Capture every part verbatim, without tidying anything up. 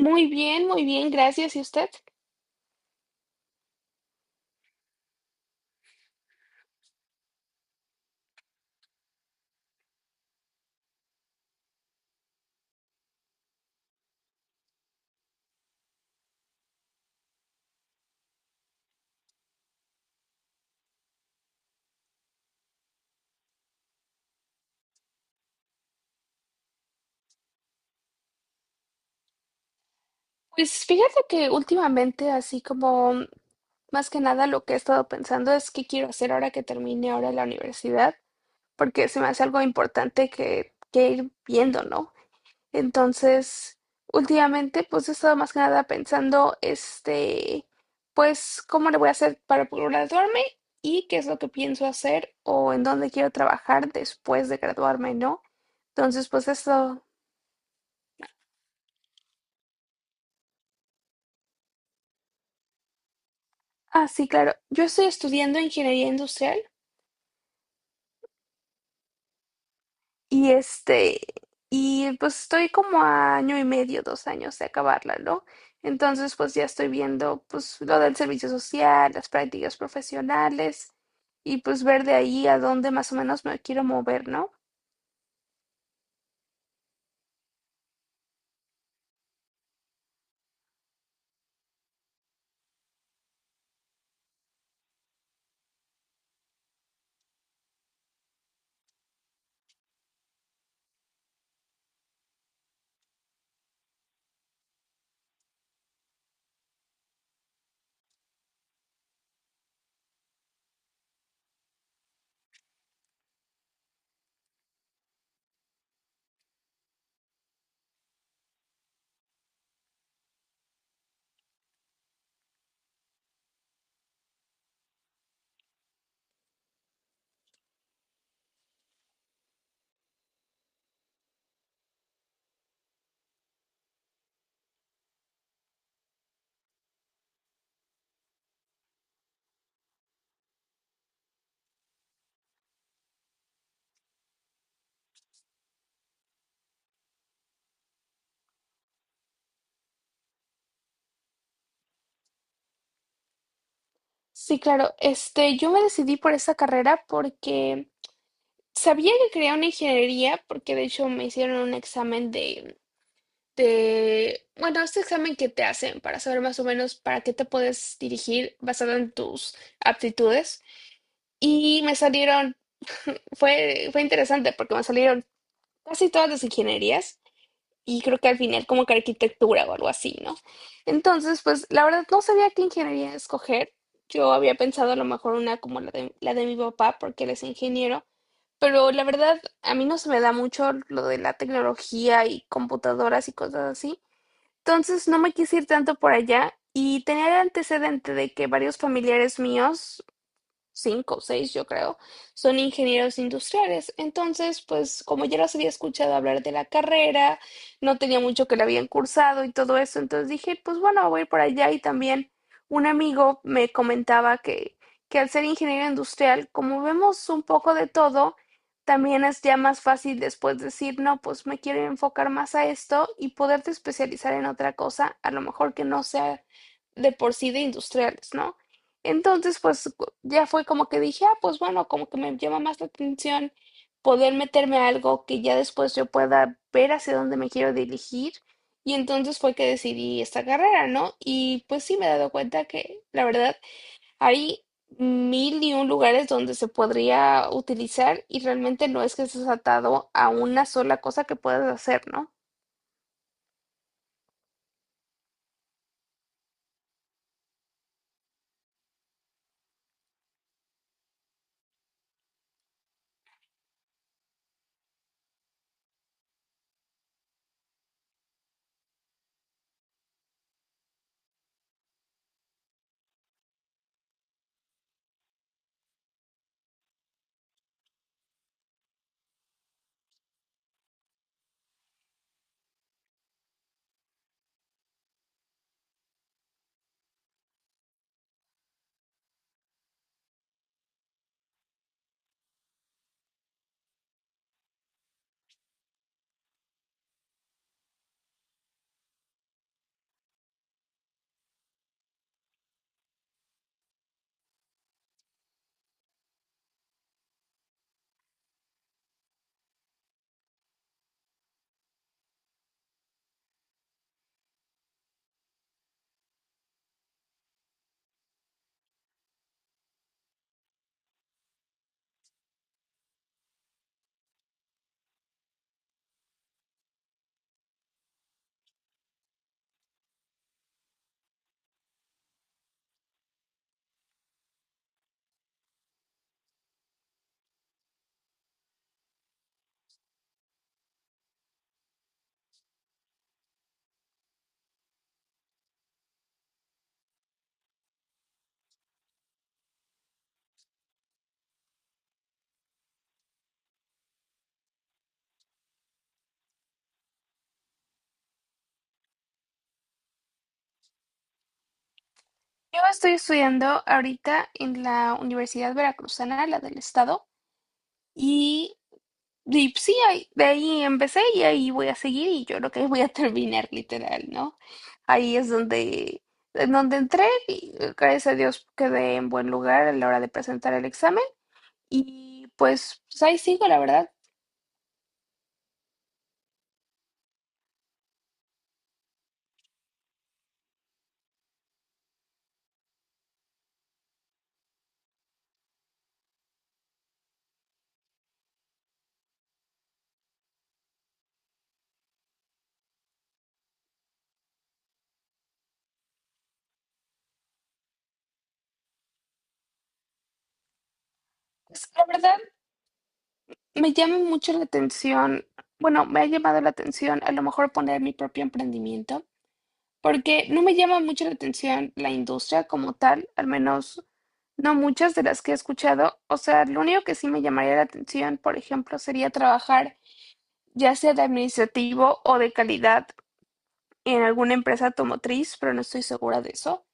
Muy bien, muy bien, gracias. ¿Y usted? Pues fíjate que últimamente, así como mm, más que nada lo que he estado pensando es qué quiero hacer ahora que termine ahora la universidad, porque se me hace algo importante que, que ir viendo, ¿no? Entonces, últimamente, pues he estado más que nada pensando, este, pues, ¿cómo le voy a hacer para graduarme? Y qué es lo que pienso hacer o en dónde quiero trabajar después de graduarme, ¿no? Entonces, pues eso. Ah, sí, claro. Yo estoy estudiando ingeniería industrial y este, y pues estoy como a año y medio, dos años de acabarla, ¿no? Entonces, pues ya estoy viendo pues lo del servicio social, las prácticas profesionales y pues ver de ahí a dónde más o menos me quiero mover, ¿no? Sí, claro. Este, yo me decidí por esa carrera porque sabía que quería una ingeniería porque de hecho me hicieron un examen de Te, bueno, este examen que te hacen para saber más o menos para qué te puedes dirigir basado en tus aptitudes. Y me salieron, fue, fue interesante porque me salieron casi todas las ingenierías y creo que al final como que arquitectura o algo así, ¿no? Entonces, pues la verdad no sabía qué ingeniería escoger. Yo había pensado a lo mejor una como la de, la de mi papá porque él es ingeniero. Pero la verdad, a mí no se me da mucho lo de la tecnología y computadoras y cosas así. Entonces no me quise ir tanto por allá y tenía el antecedente de que varios familiares míos, cinco o seis, yo creo, son ingenieros industriales. Entonces, pues como ya los había escuchado hablar de la carrera, no tenía mucho que la habían cursado y todo eso, entonces dije, pues bueno, voy a ir por allá. Y también un amigo me comentaba que, que al ser ingeniero industrial, como vemos un poco de todo, también es ya más fácil después decir, no, pues me quiero enfocar más a esto y poderte especializar en otra cosa, a lo mejor que no sea de por sí de industriales, ¿no? Entonces, pues ya fue como que dije, ah, pues bueno, como que me llama más la atención poder meterme a algo que ya después yo pueda ver hacia dónde me quiero dirigir. Y entonces fue que decidí esta carrera, ¿no? Y pues sí me he dado cuenta que, la verdad, hay mil y un lugares donde se podría utilizar y realmente no es que estés atado a una sola cosa que puedas hacer, ¿no? Yo estoy estudiando ahorita en la Universidad Veracruzana, la del Estado, y. Y pues, sí, ahí- de ahí empecé y ahí voy a seguir y yo creo que voy a terminar literal, ¿no? Ahí es donde, en donde entré y eh, gracias a Dios quedé en buen lugar a la hora de presentar el examen y pues, pues ahí sigo, la verdad. Pues, la verdad me llama mucho la atención, bueno, me ha llamado la atención a lo mejor poner mi propio emprendimiento, porque no me llama mucho la atención la industria como tal, al menos no muchas de las que he escuchado. O sea, lo único que sí me llamaría la atención, por ejemplo, sería trabajar ya sea de administrativo o de calidad en alguna empresa automotriz, pero no estoy segura de eso.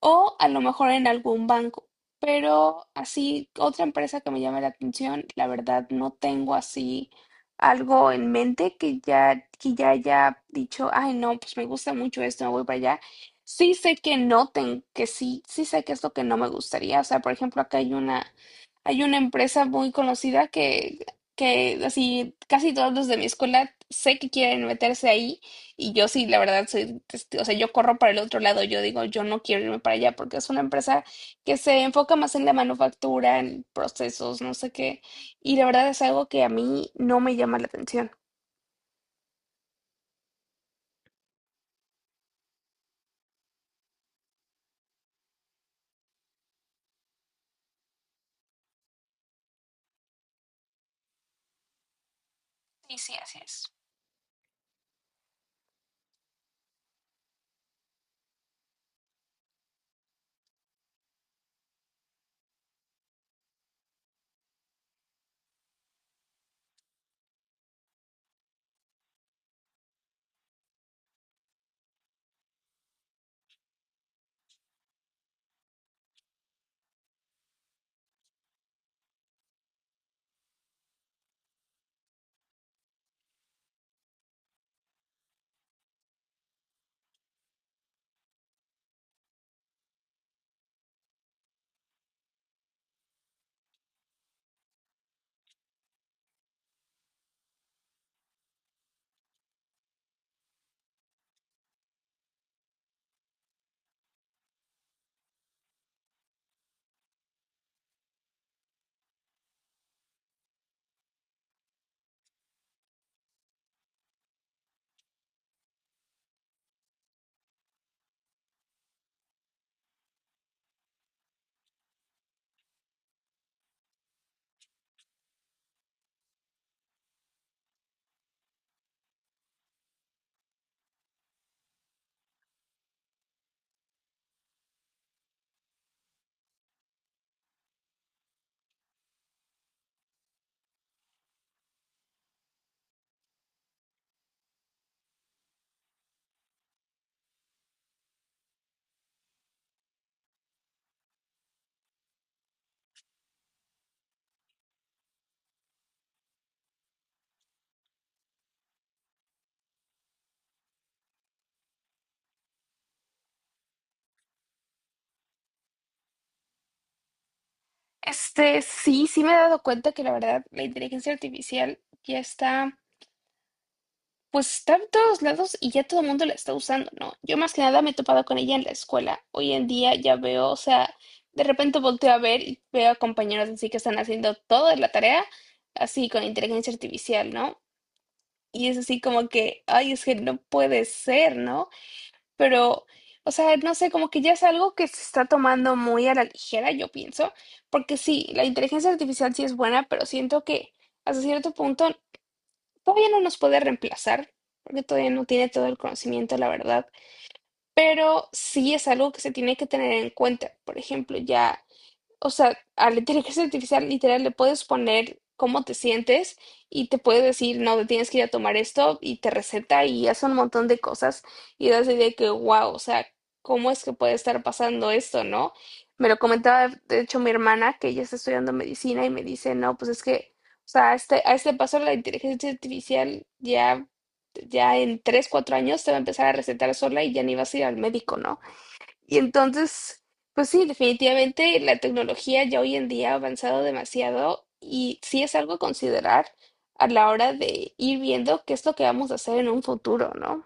O a lo mejor en algún banco. Pero así, otra empresa que me llame la atención, la verdad no tengo así algo en mente que ya, que ya haya dicho, ay no, pues me gusta mucho esto, me voy para allá. Sí sé que no tengo, que sí, sí sé que es lo que no me gustaría. O sea, por ejemplo, acá hay una, hay una empresa muy conocida que, que así casi todos los de mi escuela sé que quieren meterse ahí y yo sí, la verdad, soy, testi- o sea, yo corro para el otro lado, yo digo, yo no quiero irme para allá porque es una empresa que se enfoca más en la manufactura, en procesos, no sé qué, y la verdad es algo que a mí no me llama la atención. Sí, sí, así es. Este, sí, sí me he dado cuenta que la verdad la inteligencia artificial ya está. Pues está en todos lados y ya todo el mundo la está usando, ¿no? Yo más que nada me he topado con ella en la escuela. Hoy en día ya veo, o sea, de repente volteo a ver y veo a compañeros así que están haciendo toda la tarea, así con inteligencia artificial, ¿no? Y es así como que, ay, es que no puede ser, ¿no? Pero, o sea, no sé, como que ya es algo que se está tomando muy a la ligera, yo pienso, porque sí, la inteligencia artificial sí es buena, pero siento que hasta cierto punto todavía no nos puede reemplazar, porque todavía no tiene todo el conocimiento, la verdad, pero sí es algo que se tiene que tener en cuenta. Por ejemplo, ya o sea, a la inteligencia artificial literal le puedes poner cómo te sientes y te puede decir, no, te tienes que ir a tomar esto y te receta y hace un montón de cosas y das la idea de que, wow, o sea, ¿cómo es que puede estar pasando esto, no? Me lo comentaba, de hecho, mi hermana, que ella está estudiando medicina y me dice, no, pues es que, o sea, a este, a este paso la inteligencia artificial ya, ya en tres, cuatro años te va a empezar a recetar sola y ya ni vas a ir al médico, ¿no? Y entonces, pues sí, definitivamente la tecnología ya hoy en día ha avanzado demasiado y sí es algo a considerar a la hora de ir viendo qué es lo que vamos a hacer en un futuro, ¿no?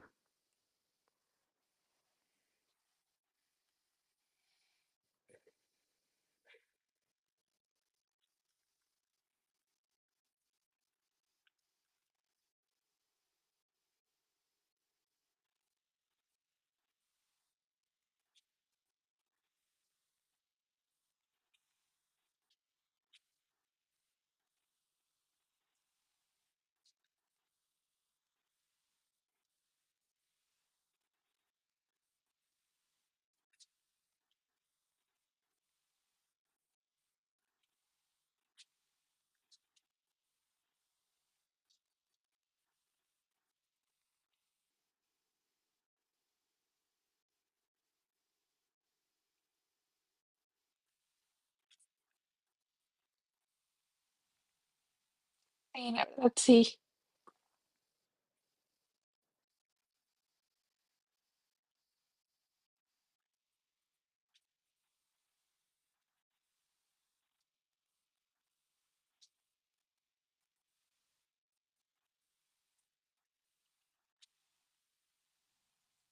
Sí, la verdad. Ah, sí,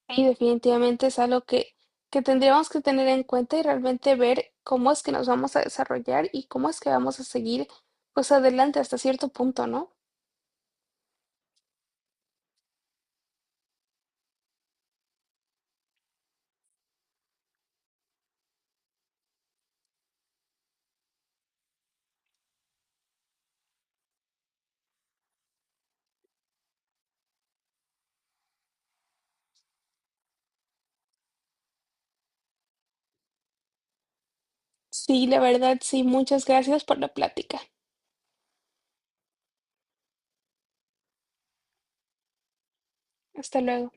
sí, definitivamente es algo que, que tendríamos que tener en cuenta y realmente ver cómo es que nos vamos a desarrollar y cómo es que vamos a seguir pues adelante hasta cierto punto, ¿no? Sí, la verdad, sí, muchas gracias por la plática. Hasta luego.